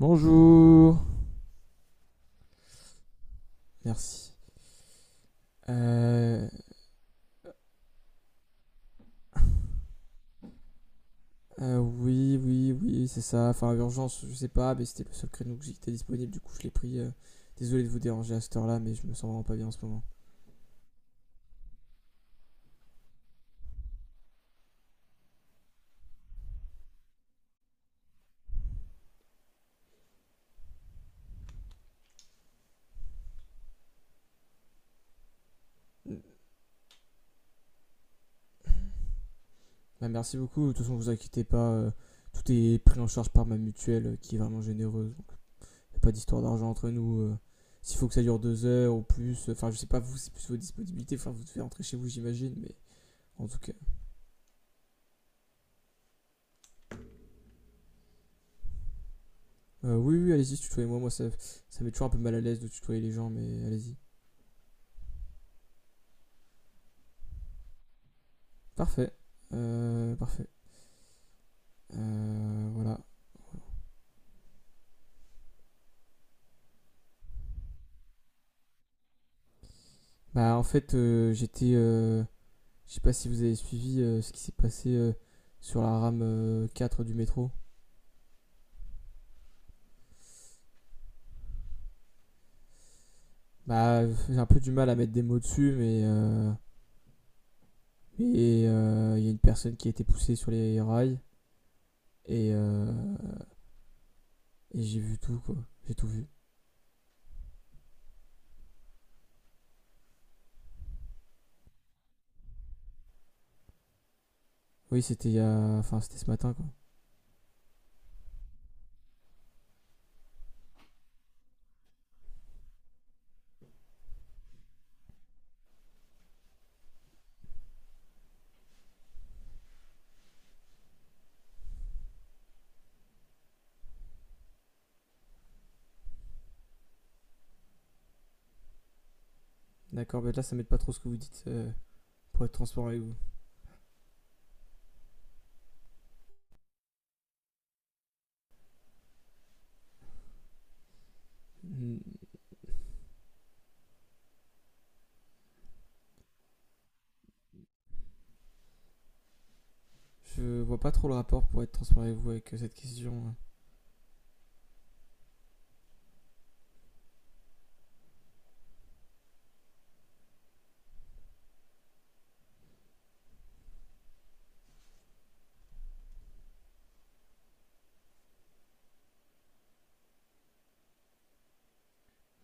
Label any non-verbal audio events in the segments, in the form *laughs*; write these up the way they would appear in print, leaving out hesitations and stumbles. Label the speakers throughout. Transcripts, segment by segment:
Speaker 1: Bonjour. Merci. Euh, oui, oui, oui, oui, c'est ça. Enfin, urgence, je sais pas, mais c'était le seul créneau que j'étais disponible, du coup je l'ai pris. Désolé de vous déranger à cette heure-là, mais je me sens vraiment pas bien en ce moment. Bah, merci beaucoup. De toute façon, vous inquiétez pas. Tout est pris en charge par ma mutuelle, qui est vraiment généreuse. Y a pas d'histoire d'argent entre nous. S'il faut que ça dure deux heures ou plus, enfin, je sais pas, vous, c'est plus vos disponibilités. Enfin, vous devez rentrer chez vous, j'imagine, mais en tout cas. Oui, oui, allez-y, tutoyez-moi. Moi, ça met toujours un peu mal à l'aise de tutoyer les gens, mais allez-y. Parfait. Parfait. Voilà. Bah, en fait, j'étais. Je sais pas si vous avez suivi ce qui s'est passé sur la rame 4 du métro. Bah, j'ai un peu du mal à mettre des mots dessus, mais. Il y a une personne qui a été poussée sur les rails. Et. euh, et j'ai vu tout, quoi. J'ai tout vu. Oui, c'était il y a. Enfin, c'était ce matin, quoi. D'accord, mais là, ça m'aide pas trop ce que vous dites, pour être transparent avec vous. Je vois pas trop le rapport pour être transparent avec vous avec, cette question.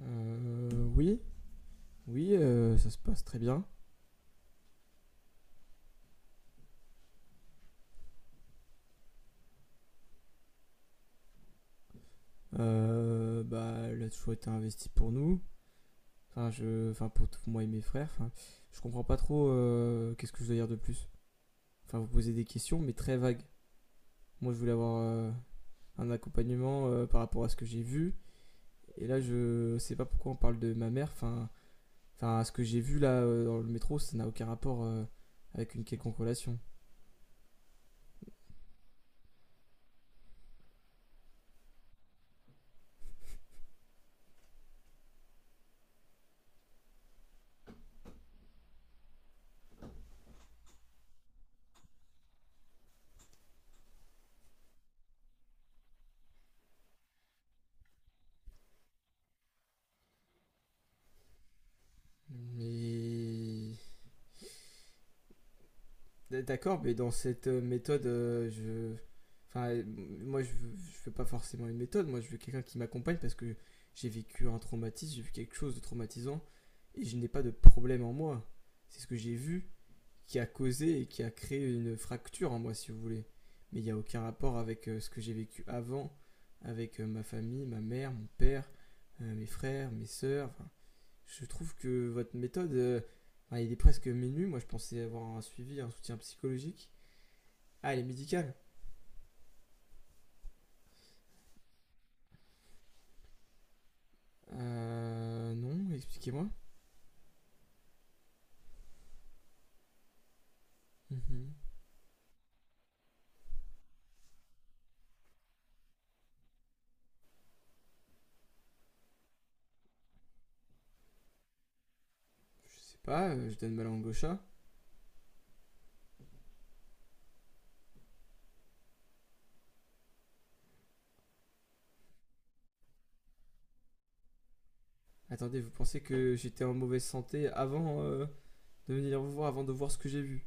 Speaker 1: Euh, oui, oui, ça se passe très bien. Bah, il a toujours été investi pour nous. Enfin, enfin pour moi et mes frères. Enfin, je comprends pas trop, qu'est-ce que je dois dire de plus. Enfin, vous posez des questions, mais très vagues. Moi, je voulais avoir un accompagnement par rapport à ce que j'ai vu. Et là, je sais pas pourquoi on parle de ma mère. Enfin, ce que j'ai vu là, dans le métro, ça n'a aucun rapport, avec une quelconque relation. Mais D'accord, mais dans cette, méthode, je. Enfin, moi, je veux pas forcément une méthode. Moi, je veux quelqu'un qui m'accompagne parce que j'ai vécu un traumatisme, j'ai vu quelque chose de traumatisant et je n'ai pas de problème en moi. C'est ce que j'ai vu qui a causé et qui a créé une fracture en moi, si vous voulez. Mais il n'y a aucun rapport avec, ce que j'ai vécu avant, avec, ma famille, ma mère, mon père, mes frères, mes sœurs. Enfin, je trouve que votre méthode, enfin, il est presque menu. Moi, je pensais avoir un suivi, un soutien psychologique. Ah, elle est médicale. Non, expliquez-moi. Mhm. Je sais pas, je donne ma langue au chat. Attendez, vous pensez que j'étais en mauvaise santé avant, de venir vous voir, avant de voir ce que j'ai vu?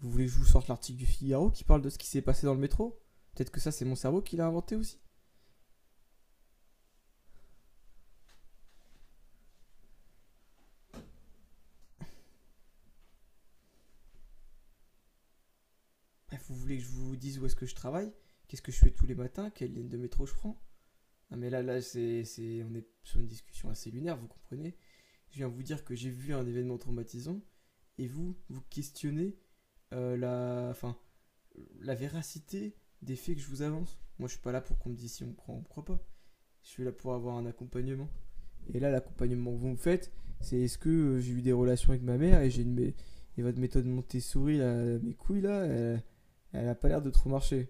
Speaker 1: Vous voulez que je vous sorte l'article du Figaro qui parle de ce qui s'est passé dans le métro? Peut-être que ça, c'est mon cerveau qui l'a inventé aussi. Bref, vous voulez que je vous dise où est-ce que je travaille? Qu'est-ce que je fais tous les matins? Quelle ligne de métro je prends? Non, mais là, là, on est sur une discussion assez lunaire, vous comprenez? Je viens vous dire que j'ai vu un événement traumatisant, et vous, vous questionnez, enfin, la véracité des faits que je vous avance. Moi, je suis pas là pour qu'on me dise si on croit ou on croit pas. Je suis là pour avoir un accompagnement. Et là, l'accompagnement que vous me faites, c'est est-ce que, j'ai eu des relations avec ma mère et j'ai une et votre méthode Montessori, là, mes couilles là, elle, elle a pas l'air de trop marcher.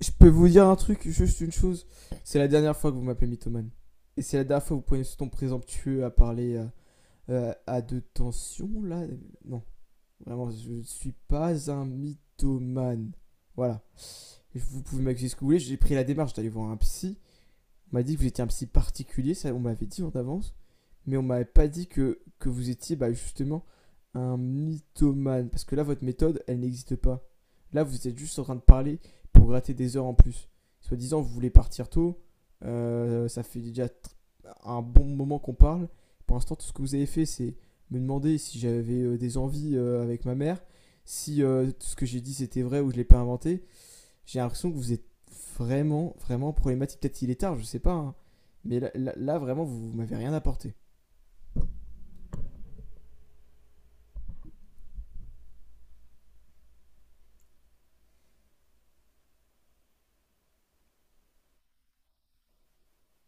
Speaker 1: Je peux vous dire un truc, juste une chose. C'est la dernière fois que vous m'appelez mythomane. Et c'est la dernière fois que vous prenez ce ton présomptueux à parler, à de tension, là. Non, vraiment, je ne suis pas un mythomane. Voilà. Vous pouvez m'accuser ce que vous voulez. J'ai pris la démarche d'aller voir un psy. On m'a dit que vous étiez un psy particulier, ça on m'avait dit en avance, mais on m'avait pas dit que, vous étiez, bah, justement un mythomane, parce que là votre méthode, elle n'existe pas. Là vous êtes juste en train de parler pour gratter des heures en plus. Soit disant vous voulez partir tôt, ça fait déjà un bon moment qu'on parle. Pour l'instant tout ce que vous avez fait c'est me demander si j'avais, des envies, avec ma mère, si, tout ce que j'ai dit c'était vrai ou je l'ai pas inventé, j'ai l'impression que vous êtes vraiment, vraiment problématique. Peut-être qu'il est tard, je sais pas. Hein. Mais là, là, vraiment, vous, vous m'avez rien apporté.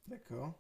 Speaker 1: D'accord.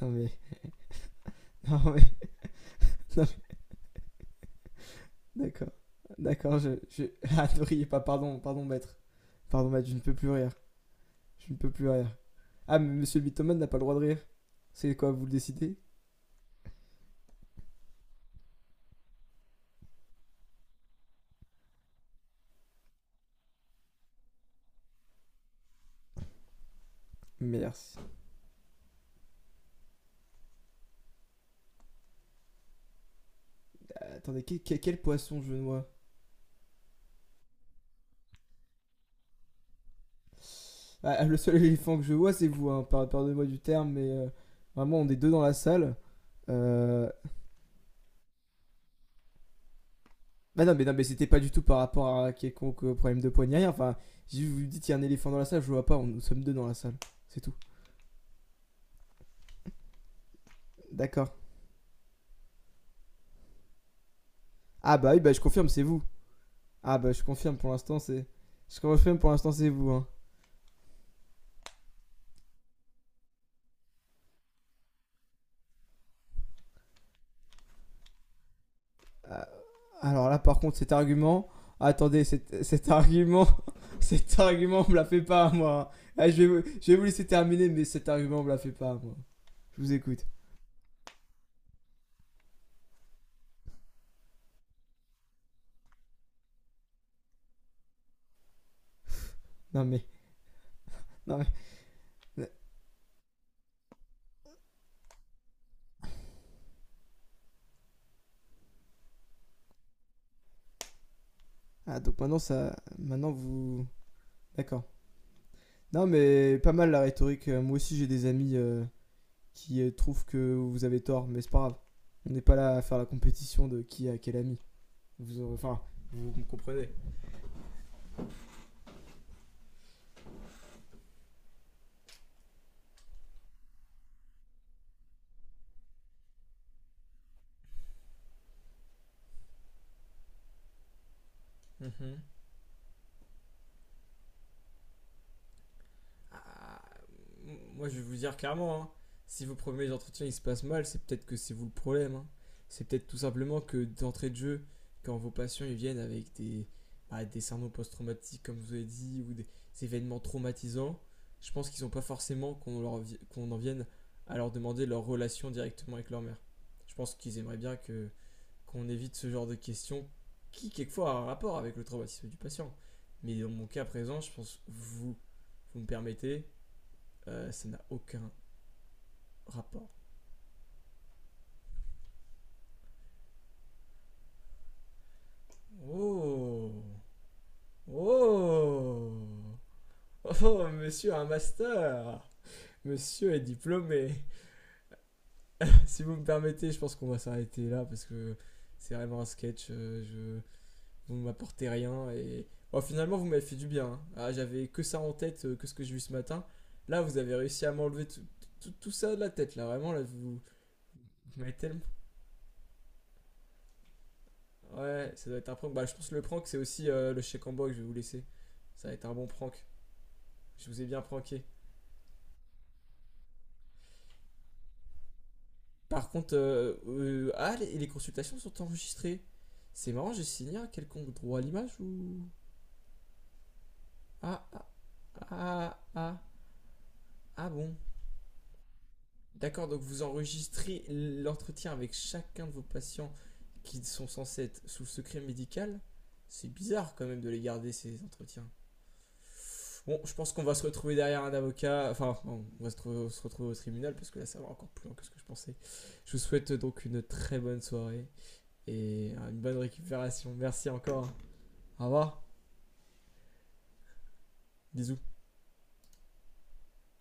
Speaker 1: Non mais, *laughs* non mais, non mais- d'accord, d'accord, je, *laughs* ah ne riez pas, pardon, pardon maître, je ne peux plus rire, je ne peux plus rire. Ah mais monsieur le mythomane n'a pas le droit de rire, c'est quoi, vous le décidez? Merci. Attendez, quel poisson je vois? Ah, le seul *laughs* éléphant que je vois c'est vous, hein, pardonnez-moi du terme, mais, vraiment on est deux dans la salle. Euh, Bah non, mais, non, mais c'était pas du tout par rapport à quelconque, problème de poignet. Enfin, si vous me dites il y a un éléphant dans la salle, je vois pas, nous sommes deux dans la salle. C'est tout. D'accord. Ah bah oui, bah je confirme, c'est vous. Ah bah je confirme pour l'instant, c'est. Je confirme pour l'instant, c'est vous. Hein. Euh, alors là, par contre, cet argument. Attendez, cet argument. *laughs* Cet argument, on me la fait pas, moi. Hein. Ah, je vais vous laisser terminer, mais cet argument, on me la fait pas, moi. Je vous écoute. Non mais. Non mais. Ah, donc maintenant, ça. Maintenant, vous. D'accord. Non, mais pas mal la rhétorique. Moi aussi, j'ai des amis, qui, trouvent que vous avez tort, mais c'est pas grave. On n'est pas là à faire la compétition de qui a quel ami. Enfin, vous me comprenez. Mhm. Ah, moi, je vais vous dire clairement, hein, si vos premiers entretiens ils se passent mal, c'est peut-être que c'est vous le problème. Hein. C'est peut-être tout simplement que d'entrée de jeu, quand vos patients ils viennent avec des, bah, des syndromes post-traumatiques, comme vous avez dit, ou des événements traumatisants, je pense qu'ils n'ont pas forcément qu'on en vienne à leur demander leur relation directement avec leur mère. Je pense qu'ils aimeraient bien que qu'on évite ce genre de questions qui quelquefois a un rapport avec le traumatisme du patient. Mais dans mon cas présent, je pense vous me permettez, ça n'a aucun rapport. Oh, oh, oh, monsieur a un master? Monsieur est diplômé? *laughs* Si vous me permettez, je pense qu'on va s'arrêter là parce que c'est vraiment un sketch. Vous ne m'apportez rien. Bon, finalement, vous m'avez fait du bien. Hein. Ah, j'avais que ça en tête, que ce que j'ai vu ce matin. Là, vous avez réussi à m'enlever tout, tout ça de la tête, là. Vraiment, là, vous, vous m'avez tellement. Ouais, ça doit être un prank. Bah, je pense que le prank, c'est aussi, le chèque en bois que je vais vous laisser. Ça va être un bon prank. Je vous ai bien pranké. Par contre, ah, les consultations sont enregistrées. C'est marrant, j'ai signé un quelconque droit à l'image ou? Ah, ah, ah, ah, ah bon. D'accord, donc vous enregistrez l'entretien avec chacun de vos patients qui sont censés être sous le secret médical. C'est bizarre quand même de les garder ces entretiens. Bon, je pense qu'on va se retrouver derrière un avocat. Enfin, on va se retrouver au tribunal parce que là ça va encore plus loin que ce que je pensais. Je vous souhaite donc une très bonne soirée et, une bonne récupération. Merci encore. Au revoir. Bisous.